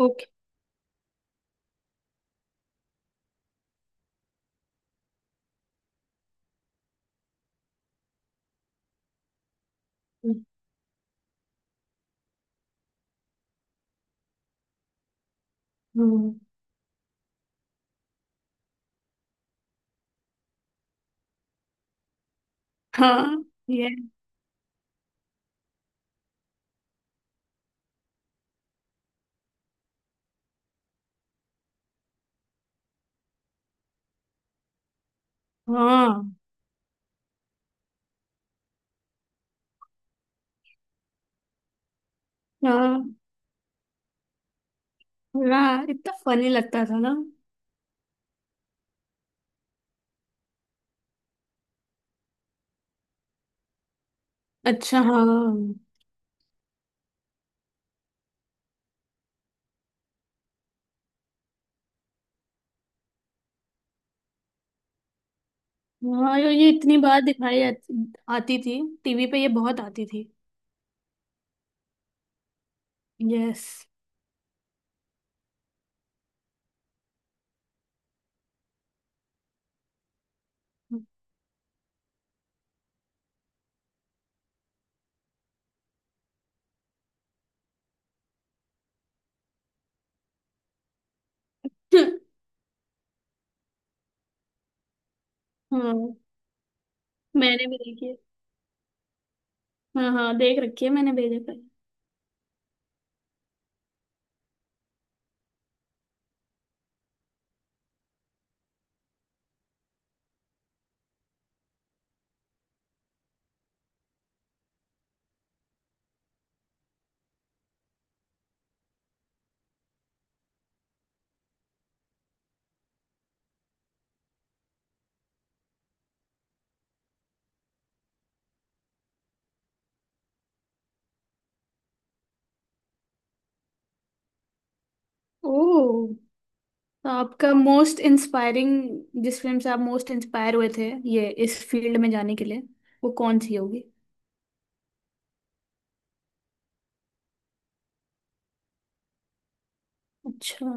Okay. हम्म। हाँ। ये हाँ हाँ। वाह इतना फनी लगता था ना। अच्छा हाँ। हाँ ये इतनी बार दिखाई आती आती थी। टीवी पे ये बहुत आती थी। यस। हाँ मैंने भी देखी है। हाँ हाँ देख रखी है मैंने भी देखा है। ओ। तो आपका मोस्ट इंस्पायरिंग, जिस फिल्म से आप मोस्ट इंस्पायर हुए थे ये इस फील्ड में जाने के लिए, वो कौन सी होगी। अच्छा।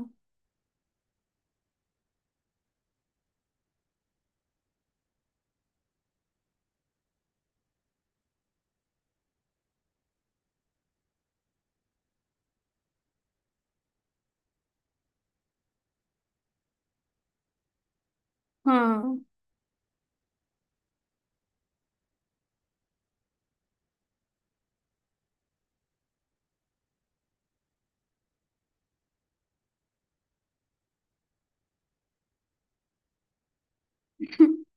हाँ।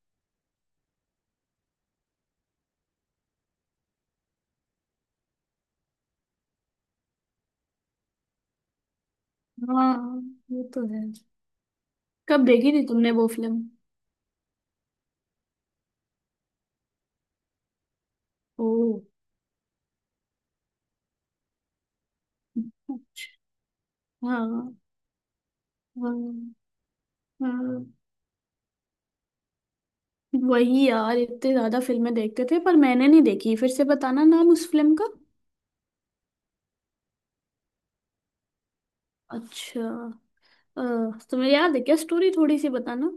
हाँ ये तो है। कब देखी थी तुमने वो फिल्म। ओ। अच्छा। हाँ। हाँ हाँ वही यार इतने ज्यादा फिल्में देखते थे पर मैंने नहीं देखी, फिर से बताना नाम उस फिल्म का। अच्छा। अ, तुम्हें याद है क्या, स्टोरी थोड़ी सी बताना।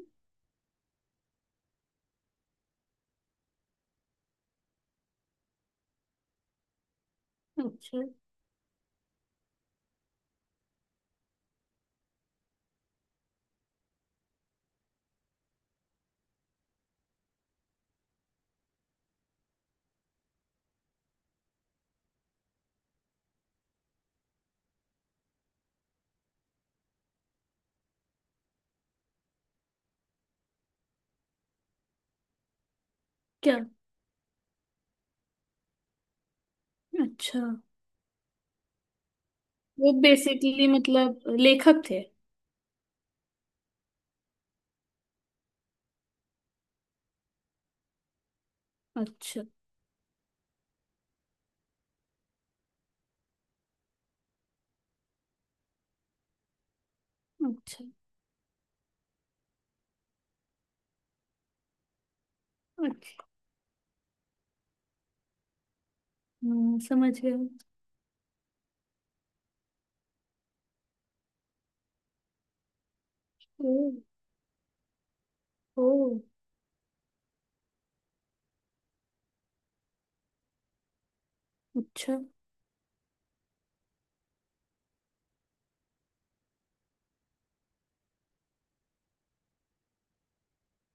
अच्छा। क्या। अच्छा, वो बेसिकली मतलब लेखक थे। अच्छा। अच्छा। अच्छा। समझ गए। ओ। ओ। अच्छा।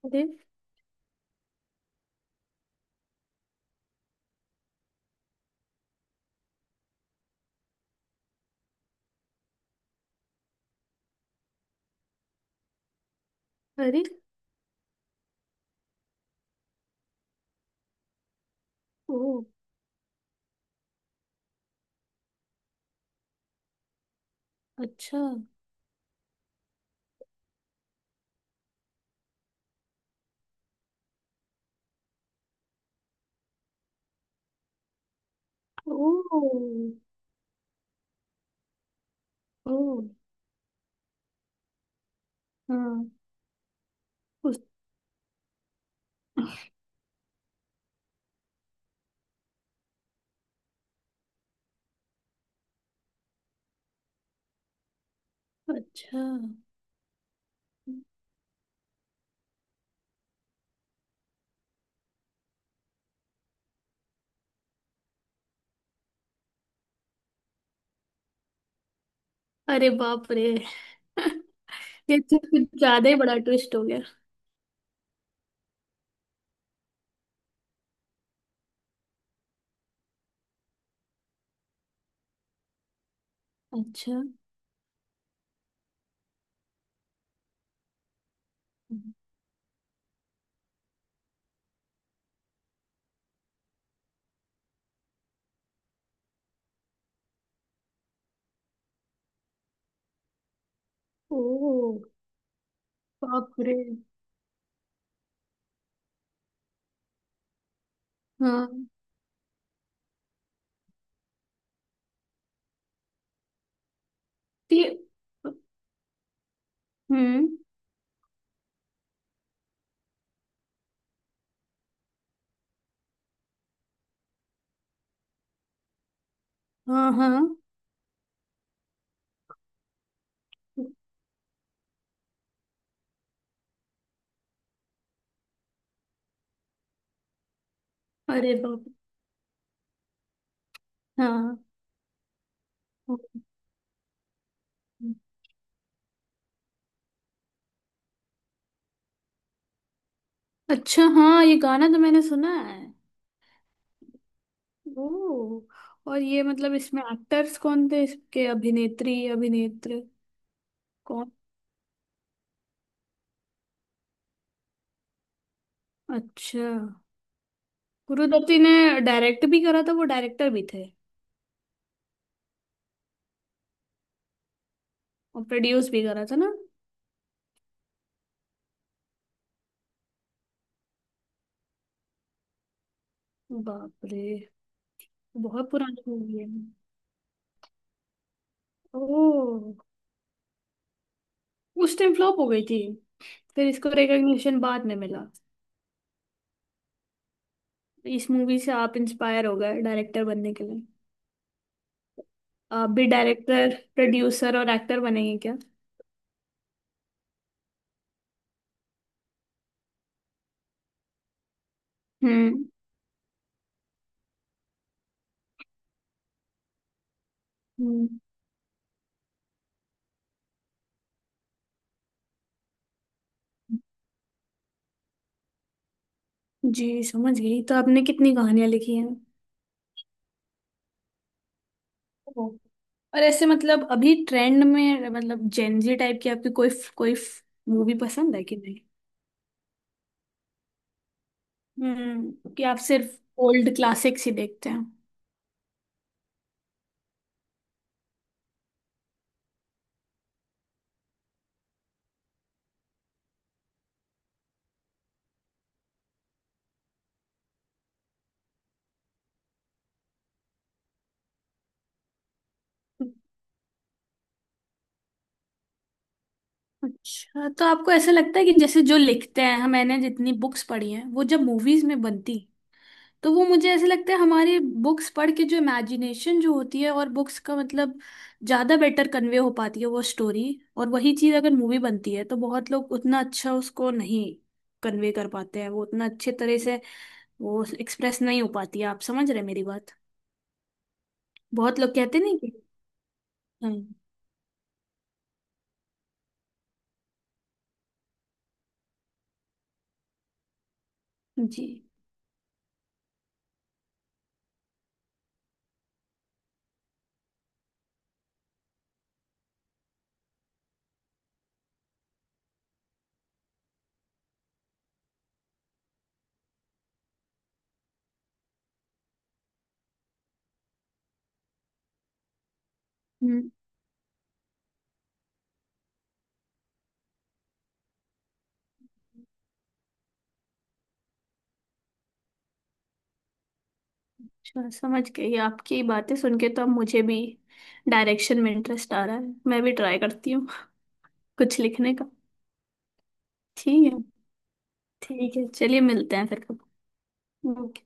अरे। अरे। ओ। अच्छा। ओ। ओ। हाँ। उस। अच्छा। अरे बाप रे। ये तो कुछ ज्यादा ही बड़ा ट्विस्ट हो गया। अच्छा। ओ। बाप रे। हाँ। ते। हम्म। हाँ हाँ। अरे बाप। हाँ। रे। अच्छा हाँ ये गाना तो मैंने सुना है। ओ। और ये मतलब इसमें एक्टर्स कौन थे, इसके अभिनेत्री अभिनेत्र कौन। अच्छा। गुरु दत्ती ने डायरेक्ट भी करा था, वो डायरेक्टर भी थे। और प्रोड्यूस भी करा था ना। बाप रे। बहुत पुरानी मूवी है। ओ। उस टाइम फ्लॉप हो गई थी। फिर इसको रिकग्निशन बाद में मिला। इस मूवी से आप इंस्पायर हो गए डायरेक्टर बनने के लिए। आप भी डायरेक्टर प्रोड्यूसर और एक्टर बनेंगे क्या। हम्म। हम्म। जी समझ गई, तो आपने कितनी कहानियां लिखी हैं। ओ। और ऐसे मतलब अभी ट्रेंड में मतलब जेनजी टाइप की आपकी कोई कोई मूवी पसंद है कि नहीं। हम्म, कि आप सिर्फ ओल्ड क्लासिक्स ही देखते हैं। अच्छा, तो आपको ऐसा लगता है कि जैसे जो लिखते हैं, हम- मैंने जितनी बुक्स पढ़ी हैं, वो जब मूवीज में बनती, तो वो मुझे ऐसा लगता है हमारी बुक्स पढ़ के जो इमेजिनेशन जो होती है और बुक्स का मतलब ज़्यादा बेटर कन्वे हो पाती है वो स्टोरी। और वही चीज़ अगर मूवी बनती है तो बहुत लोग उतना अच्छा उसको नहीं कन्वे कर पाते हैं, वो उतना अच्छे तरह से वो एक्सप्रेस नहीं हो पाती है। आप समझ रहे हैं मेरी बात। बहुत लोग कहते नहीं कि हाँ। जी। हम्म। अच्छा, समझ गई आपकी बातें सुन के तो अब मुझे भी डायरेक्शन में इंटरेस्ट आ रहा है, मैं भी ट्राई करती हूँ। कुछ लिखने का। ठीक है। ठीक है, चलिए मिलते हैं फिर कब। ओके।